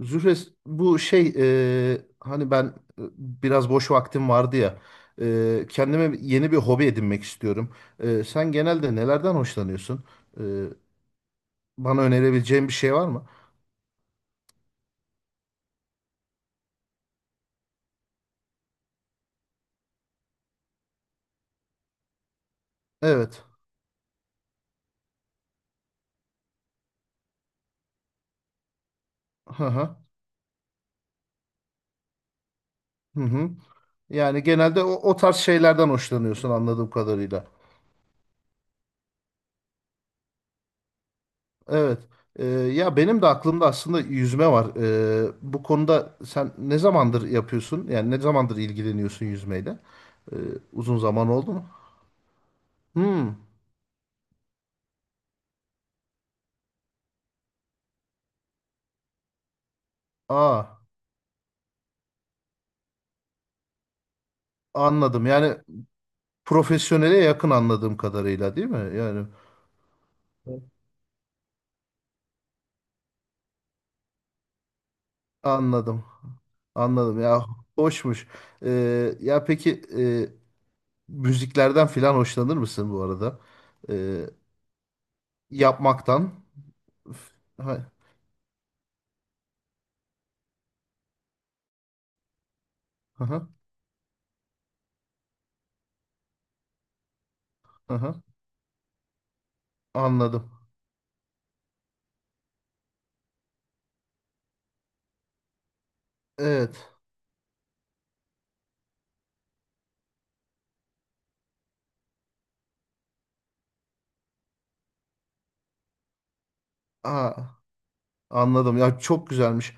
Zühres bu şey hani ben, biraz boş vaktim vardı ya, kendime yeni bir hobi edinmek istiyorum. Sen genelde nelerden hoşlanıyorsun? E, Bana önerebileceğin bir şey var mı? Evet. Hı hı. Hı hı. Yani genelde o tarz şeylerden hoşlanıyorsun anladığım kadarıyla. Evet. Ya benim de aklımda aslında yüzme var. Bu konuda sen ne zamandır yapıyorsun? Yani ne zamandır ilgileniyorsun yüzmeyle? E, Uzun zaman oldu mu? Hmm. Aa, anladım. Yani profesyonele yakın anladığım kadarıyla, değil mi? Yani evet, anladım. Anladım ya. Hoşmuş. Ya peki, müziklerden filan hoşlanır mısın bu arada? Ee, Yapmaktan. ha- hı hı, hı hı. Anladım. Evet. Aa, anladım. Ya çok güzelmiş.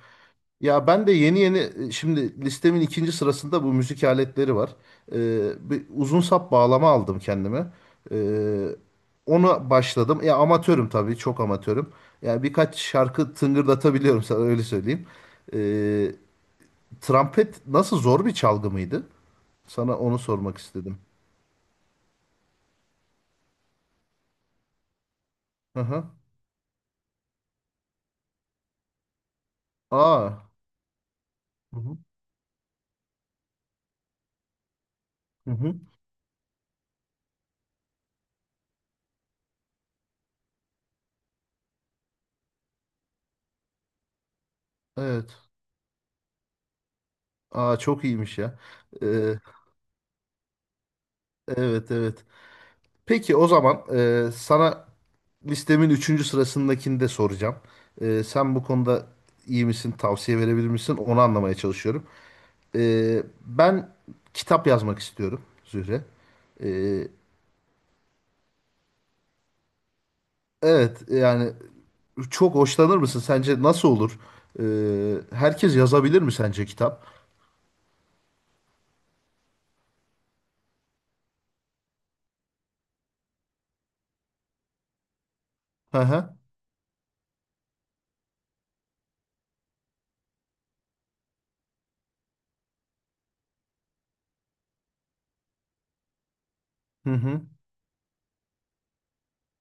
Ya ben de yeni yeni, şimdi listemin ikinci sırasında bu müzik aletleri var. Bir uzun sap bağlama aldım kendime. Ee, Ona başladım. Ya amatörüm tabii, çok amatörüm. Yani birkaç şarkı tıngırdatabiliyorum, sana öyle söyleyeyim. Ee, Trompet nasıl, zor bir çalgı mıydı? Sana onu sormak istedim. Hı hı. Aa. Hı hı. Hı hı. Evet. Aa çok iyiymiş ya. Ee, evet evet. Peki o zaman, sana listemin üçüncü sırasındakini de soracağım. Sen bu konuda iyi misin, tavsiye verebilir misin? Onu anlamaya çalışıyorum. Ben kitap yazmak istiyorum Zühre. Ee, evet yani çok hoşlanır mısın? Sence nasıl olur? Herkes yazabilir mi sence kitap? Hı hı. Hı hı.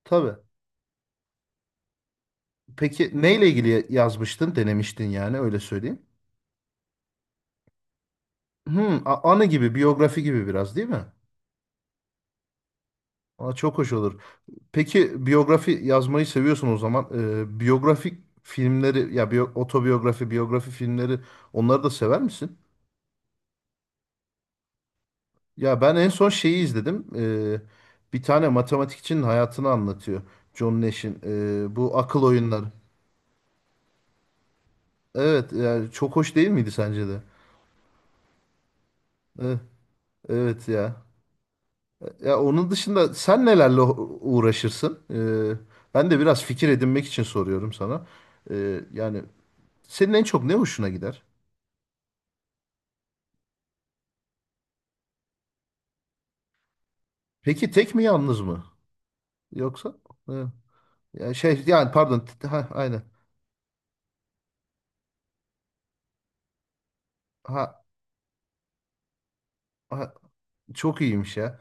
Tabii. Peki neyle ilgili yazmıştın, denemiştin, yani öyle söyleyeyim. Hmm, anı gibi, biyografi gibi biraz, değil mi? Aa, çok hoş olur. Peki biyografi yazmayı seviyorsun o zaman. Biyografik filmleri, ya otobiyografi, biyografi filmleri, onları da sever misin? Ya ben en son şeyi izledim. Bir tane matematikçinin hayatını anlatıyor. John Nash'in bu akıl oyunları. Evet, yani çok hoş değil miydi sence de? Evet, evet ya. Ya onun dışında sen nelerle uğraşırsın? Ben de biraz fikir edinmek için soruyorum sana. Yani senin en çok ne hoşuna gider? Peki tek mi, yalnız mı? Yoksa hı. Ya şey yani pardon, ha, aynen. Ha, ha, çok iyiymiş ya.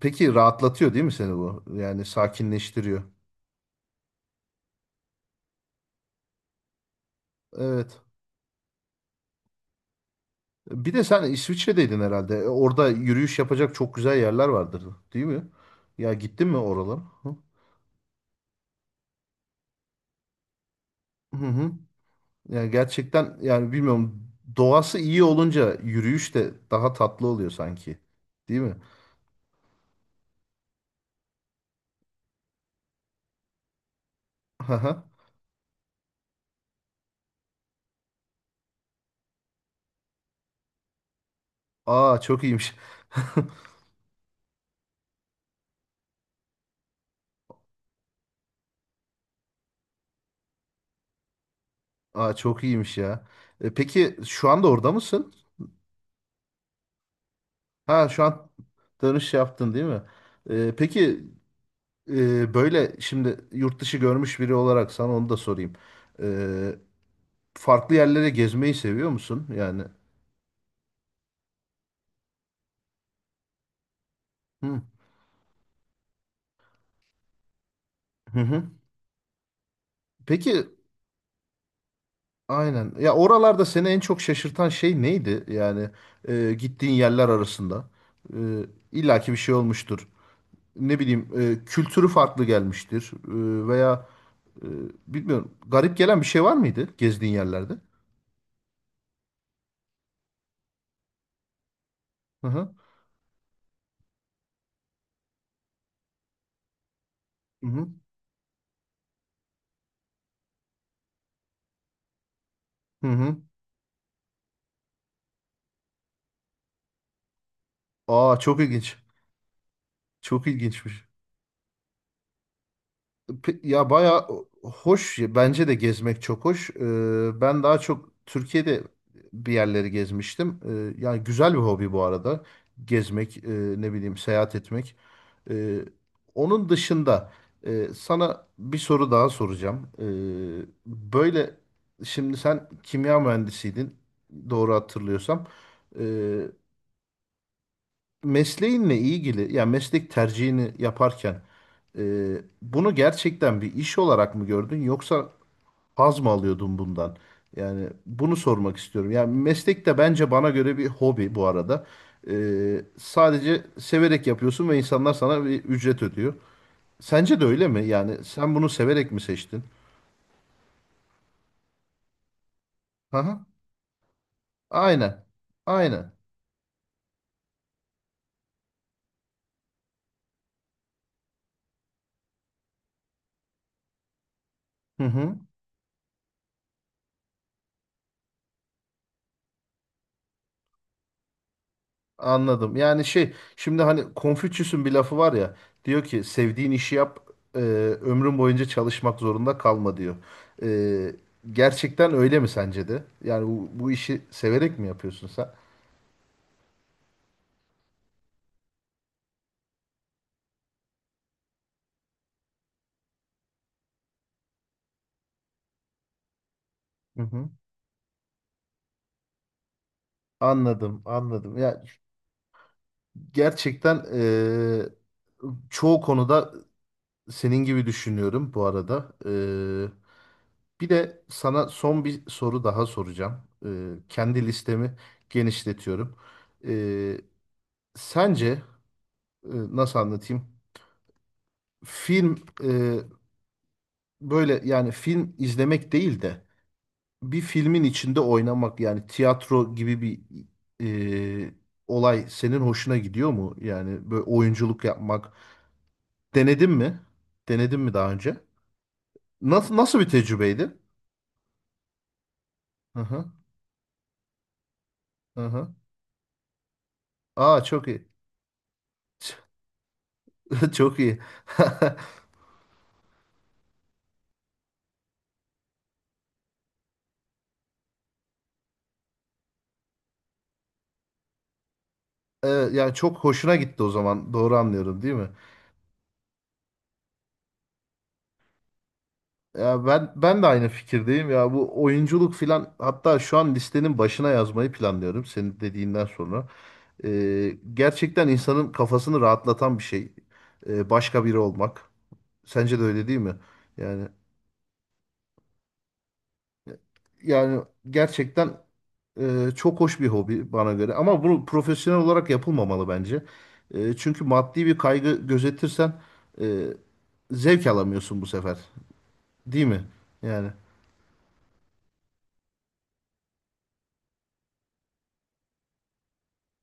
Peki rahatlatıyor değil mi seni bu? Yani sakinleştiriyor. Evet. Bir de sen İsviçre'deydin herhalde. E, orada yürüyüş yapacak çok güzel yerler vardır, değil mi? Ya gittin mi oralara? Hı hı, hı. Yani gerçekten, yani bilmiyorum, doğası iyi olunca yürüyüş de daha tatlı oluyor sanki. Değil mi? Aha. Aa çok iyiymiş. Aa çok iyiymiş ya. Peki şu anda orada mısın? Ha şu an tanış yaptın değil mi? Peki, böyle şimdi yurt dışı görmüş biri olarak sana onu da sorayım. Ee, Farklı yerlere gezmeyi seviyor musun? Yani. Hı hı, hı. Peki aynen. Ya oralarda seni en çok şaşırtan şey neydi? Yani gittiğin yerler arasında. E, illaki bir şey olmuştur. Ne bileyim, kültürü farklı gelmiştir. Veya, e, bilmiyorum, garip gelen bir şey var mıydı gezdiğin yerlerde? Hı hı. Hı hı. Hı hı. Aa çok ilginç. Çok ilginçmiş. Ya bayağı hoş. Bence de gezmek çok hoş. Ben daha çok Türkiye'de bir yerleri gezmiştim. Yani güzel bir hobi bu arada. Gezmek, ne bileyim, seyahat etmek. Ee, Onun dışında, sana bir soru daha soracağım. Böyle şimdi sen kimya mühendisiydin. Doğru hatırlıyorsam. Ee, Mesleğinle ilgili, ya meslek tercihini yaparken, e, bunu gerçekten bir iş olarak mı gördün, yoksa haz mı alıyordun bundan? Yani bunu sormak istiyorum. Yani meslek de bence bana göre bir hobi bu arada. E, sadece severek yapıyorsun ve insanlar sana bir ücret ödüyor. Sence de öyle mi? Yani sen bunu severek mi seçtin? Aha, hı. Aynen. Aynen. Hı hı. Anladım. Yani şey, şimdi hani Konfüçyüs'ün bir lafı var ya, diyor ki sevdiğin işi yap, e, ömrün boyunca çalışmak zorunda kalma diyor. E, Gerçekten öyle mi sence de? Yani bu işi severek mi yapıyorsun sen? Hı hı. Anladım, anladım. Ya gerçekten, çoğu konuda senin gibi düşünüyorum bu arada. Bir de sana son bir soru daha soracağım. Kendi listemi genişletiyorum. Sence, e, nasıl anlatayım? Film, e, böyle yani film izlemek değil de bir filmin içinde oynamak, yani tiyatro gibi bir e, olay senin hoşuna gidiyor mu? Yani böyle oyunculuk yapmak. Denedin mi? Denedin mi daha önce? Nasıl bir tecrübeydi? Hı hı, hı hı. Aa çok iyi. Çok iyi. E, yani çok hoşuna gitti o zaman. Doğru anlıyorum değil mi? Ya ben de aynı fikirdeyim ya, bu oyunculuk filan, hatta şu an listenin başına yazmayı planlıyorum senin dediğinden sonra. Gerçekten insanın kafasını rahatlatan bir şey. Başka biri olmak. Sence de öyle değil mi? Yani yani gerçekten, çok hoş bir hobi bana göre, ama bunu profesyonel olarak yapılmamalı bence. Çünkü maddi bir kaygı gözetirsen, e, zevk alamıyorsun bu sefer. Değil mi? Yani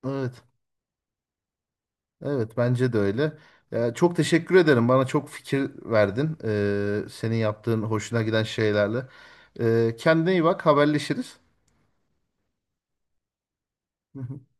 evet. Evet bence de öyle. Ya, çok teşekkür ederim. Bana çok fikir verdin. Senin yaptığın hoşuna giden şeylerle. Kendine iyi bak. Haberleşiriz. Hı hı.